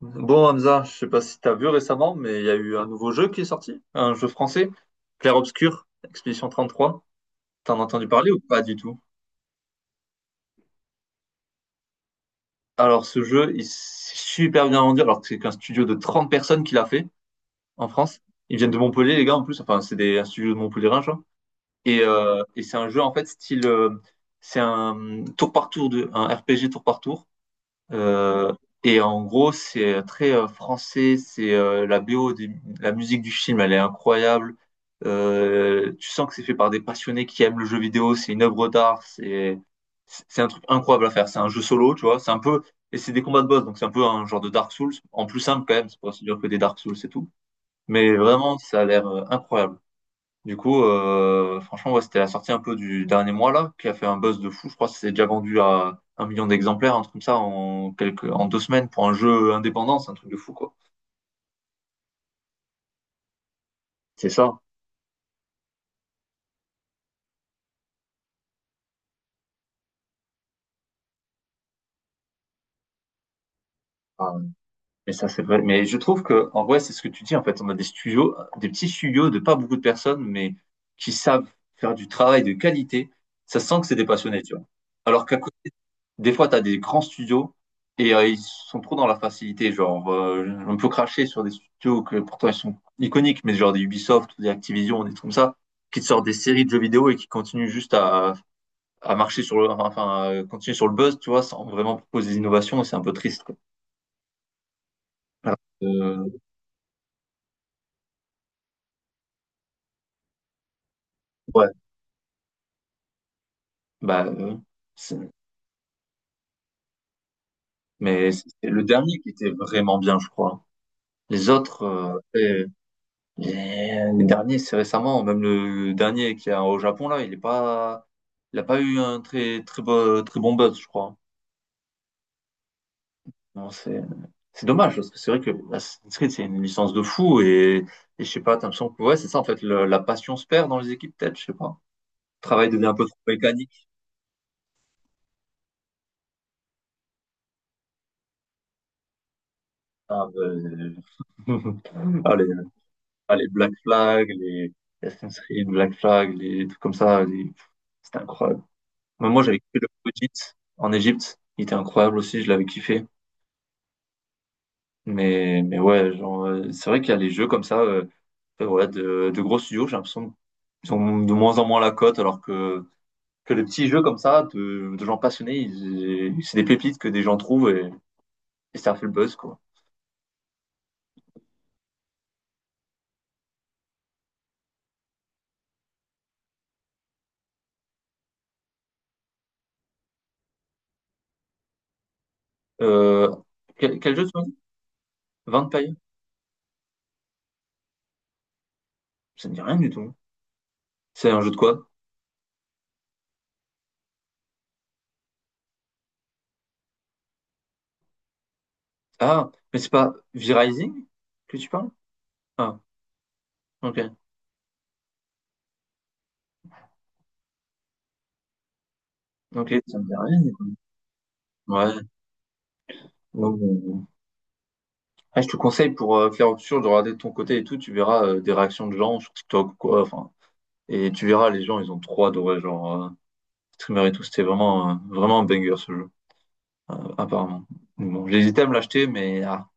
Bon, Hamza, je sais pas si tu as vu récemment, mais il y a eu un nouveau jeu qui est sorti, un jeu français, Clair Obscur, Expédition 33. T'en as entendu parler ou pas du tout? Alors, ce jeu, il s'est super bien rendu, alors que c'est qu'un studio de 30 personnes qui l'a fait en France. Ils viennent de Montpellier, les gars, en plus. Enfin, c'est des, un studio de Montpellier, et, et c'est un jeu, en fait, style, c'est un tour par tour, de, un RPG tour par tour. Euh, et en gros, c'est très français. C'est la BO, la musique du film, elle est incroyable. Tu sens que c'est fait par des passionnés qui aiment le jeu vidéo. C'est une œuvre d'art. C'est un truc incroyable à faire. C'est un jeu solo, tu vois. C'est un peu, et c'est des combats de boss, donc c'est un peu un genre de Dark Souls en plus simple quand même. C'est pas aussi dur que des Dark Souls et tout. Mais vraiment, ça a l'air incroyable. Du coup, franchement, ouais, c'était la sortie un peu du dernier mois là, qui a fait un buzz de fou. Je crois que c'est déjà vendu à 1 million d'exemplaires, un truc comme ça, en quelques, en 2 semaines pour un jeu indépendant, c'est un truc de fou quoi. C'est ça. Mais ça, c'est vrai. Mais je trouve que, en vrai, c'est ce que tu dis, en fait. On a des studios, des petits studios de pas beaucoup de personnes, mais qui savent faire du travail de qualité. Ça sent que c'est des passionnés, tu vois. Alors qu'à côté, des fois, tu as des grands studios et ils sont trop dans la facilité. Genre, on peut cracher sur des studios que pourtant ils sont iconiques, mais genre des Ubisoft, ou des Activision, des trucs comme ça, qui te sortent des séries de jeux vidéo et qui continuent juste à marcher sur le, enfin, à continuer sur le buzz, tu vois, sans vraiment proposer des innovations. Et c'est un peu triste, quoi. Alors, euh, ouais. Bah, euh, c'est- mais c'est le dernier qui était vraiment bien, je crois. Les autres, après, les derniers, c'est récemment, même le dernier qui est au Japon, là, il est pas, il a pas eu un très bon, très bon buzz, je crois. Bon, c'est dommage, parce que c'est vrai que Assassin's Creed, c'est une licence de fou, et je sais pas, t'as l'impression que, ouais, c'est ça, en fait, la passion se perd dans les équipes, peut-être, je sais pas. Le travail devient un peu trop mécanique. Ah, ben, allez. Ah, les Black Flag, les Assassin's Creed, Black Flag, les trucs comme ça, c'était incroyable. Mais moi, j'avais kiffé le Hobbit en Égypte, il était incroyable aussi, je l'avais kiffé. Mais ouais, genre, c'est vrai qu'il y a les jeux comme ça, ouais, de gros studios, j'ai l'impression qu'ils ont de moins en moins la cote, alors que les petits jeux comme ça, de gens passionnés, c'est des pépites que des gens trouvent et ça fait le buzz, quoi. Euh, quel jeu tu m'as dit? Vampire? Ça ne dit rien du tout. C'est un jeu de quoi? Ah, mais c'est pas V-Rising que tu parles? Ah, ok. Ok, ça me dit rien du coup. Ouais. non, mais- Ah, je te conseille pour faire autre chose de regarder de ton côté et tout, tu verras des réactions de gens sur TikTok ou quoi. Enfin, et tu verras, les gens, ils ont trop adoré, genre, streamer et tout. C'était vraiment, vraiment un banger ce jeu, apparemment. Donc bon, j'hésitais à me l'acheter, mais ah,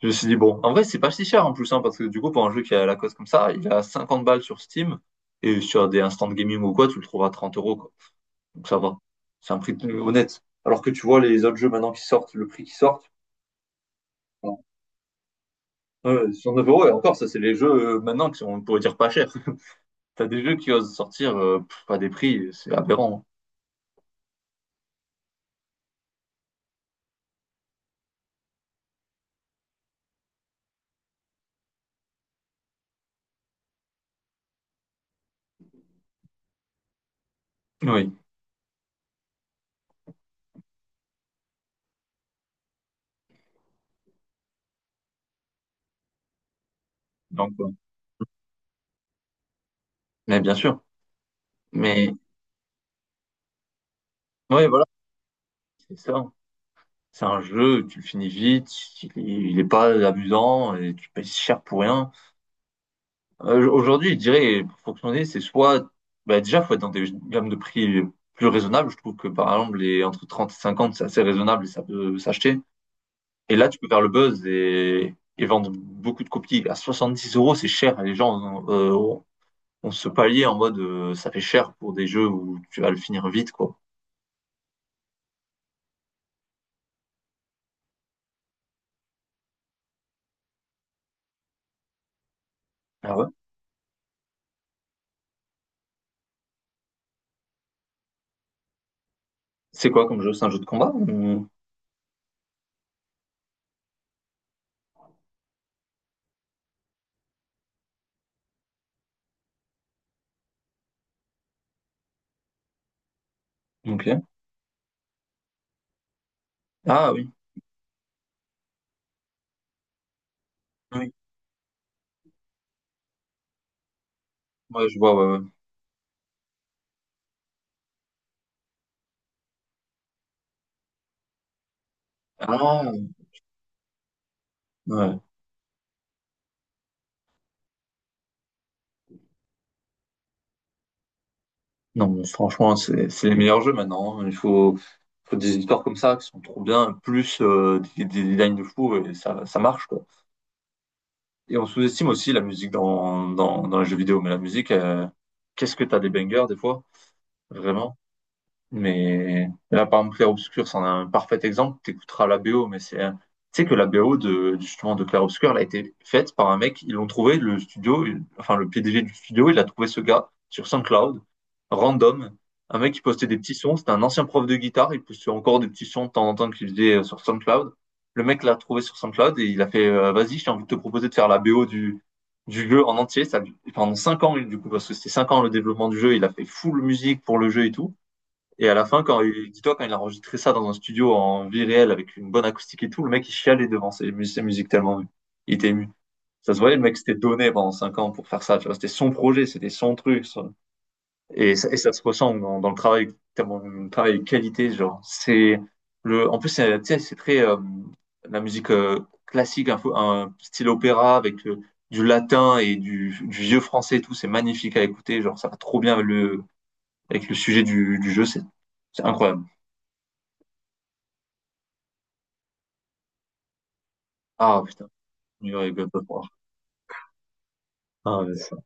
je me suis dit, bon, en vrai, c'est pas si cher en plus, hein, parce que du coup, pour un jeu qui est à la coste comme ça, il a 50 balles sur Steam et sur des instant gaming ou quoi, tu le trouves à 30 euros, quoi. Donc ça va. C'est un prix plus honnête. Alors que tu vois les autres jeux maintenant qui sortent, le prix qui sortent, bon, sur 9 euros, et encore, ça, c'est les jeux maintenant qui sont, on pourrait dire, pas chers. T'as des jeux qui osent sortir à des prix, c'est aberrant. Oui, donc, mais bien sûr. Mais, oui voilà, c'est ça. C'est un jeu, tu le finis vite, il est pas amusant, et tu payes cher pour rien. Aujourd'hui, je dirais, pour fonctionner, bah, déjà, faut être dans des gammes de prix plus raisonnables. Je trouve que, par exemple, les entre 30 et 50, c'est assez raisonnable et ça peut s'acheter. Et là, tu peux faire le buzz et vendre beaucoup de copies. À 70 euros, c'est cher. Et les gens ont ce palier en mode, ça fait cher pour des jeux où tu vas le finir vite, quoi. Ah ouais? C'est quoi comme jeu? C'est un jeu de combat? Ou... ok. Ah oui. Oui. Ouais, je vois, ouais, ouais. Ah, ouais. Non, mais franchement, c'est les meilleurs jeux maintenant, hein. Il faut, faut des histoires comme ça qui sont trop bien, plus des designs de fou, et ça marche, quoi. Et on sous-estime aussi la musique dans les jeux vidéo, mais la musique, qu'est-ce que t'as des bangers des fois, vraiment. Mais là, par exemple, Clair Obscur, c'en est un parfait exemple. T'écouteras la BO, mais tu sais que la BO de, justement, de Clair Obscur, elle a été faite par un mec. Ils l'ont trouvé, le studio, enfin, le PDG du studio, il a trouvé ce gars sur SoundCloud, random. Un mec qui postait des petits sons. C'était un ancien prof de guitare. Il postait encore des petits sons de temps en temps qu'il faisait sur SoundCloud. Le mec l'a trouvé sur SoundCloud et il a fait, vas-y, j'ai envie de te proposer de faire la BO du jeu en entier. Pendant cinq ans, du coup, parce que c'était 5 ans le développement du jeu, il a fait full musique pour le jeu et tout. Et à la fin, dis-toi, quand il a enregistré ça dans un studio en vie réelle avec une bonne acoustique et tout, le mec il chialait devant ses musiques tellement il était ému. Ça se voyait, le mec s'était donné pendant 5 ans pour faire ça. Tu vois, c'était son projet, c'était son truc. Ça. Et ça, ça se ressent dans, dans le travail, tellement le travail de qualité, genre. En plus, c'est, tu sais, c'est très la musique classique, un style opéra avec du latin et du vieux français et tout. C'est magnifique à écouter, genre ça va trop bien avec le sujet du jeu. C'est incroyable. Ah putain, New York God of War. Ah mais ça,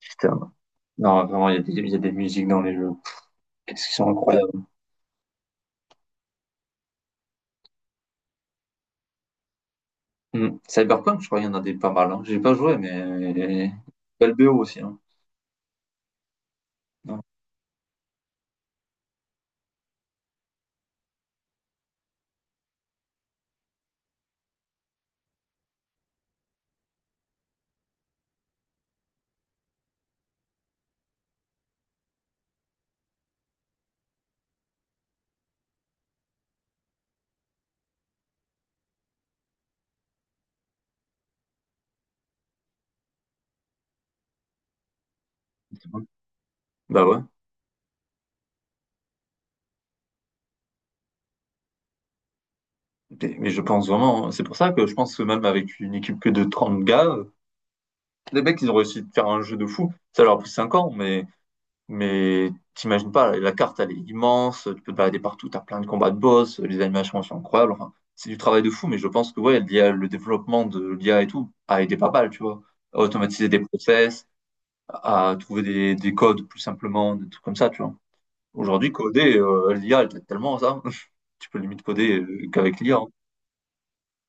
putain. Non, vraiment, il y a des, il y a des musiques dans les jeux. Qu'est-ce qu'ils sont incroyables. Hmm. Cyberpunk, je crois qu'il y en a des pas mal, hein. J'ai pas joué, mais belle BO aussi, hein. Non, c'est bon. Bah ouais. Mais je pense vraiment, hein, c'est pour ça que je pense que même avec une équipe que de 30 gars, les mecs, ils ont réussi de faire un jeu de fou. Ça leur a pris 5 ans, mais t'imagines pas, la carte, elle est immense, tu peux te balader partout, t'as plein de combats de boss, les animations sont incroyables. Enfin, c'est du travail de fou, mais je pense que ouais, l'IA, le développement de l'IA et tout a aidé pas mal, tu vois. À automatiser des process, à trouver des codes plus simplement, des trucs comme ça, tu vois. Aujourd'hui, coder, l'IA, elle t'aide tellement à ça. Tu peux limite coder qu'avec l'IA, hein.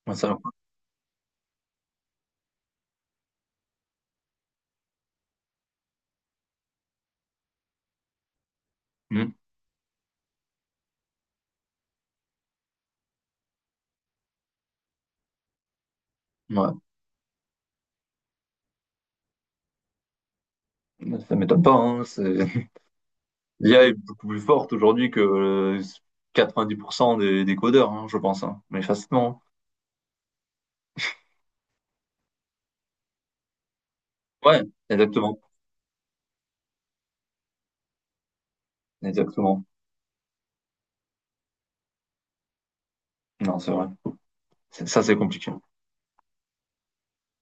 Ouais, ça, hmm. Ouais, ça m'étonne pas, hein. L'IA est beaucoup plus forte aujourd'hui que 90% des codeurs, hein, je pense, hein. Mais facilement, hein. Ouais, exactement, exactement. Non, c'est vrai. Ça, c'est compliqué.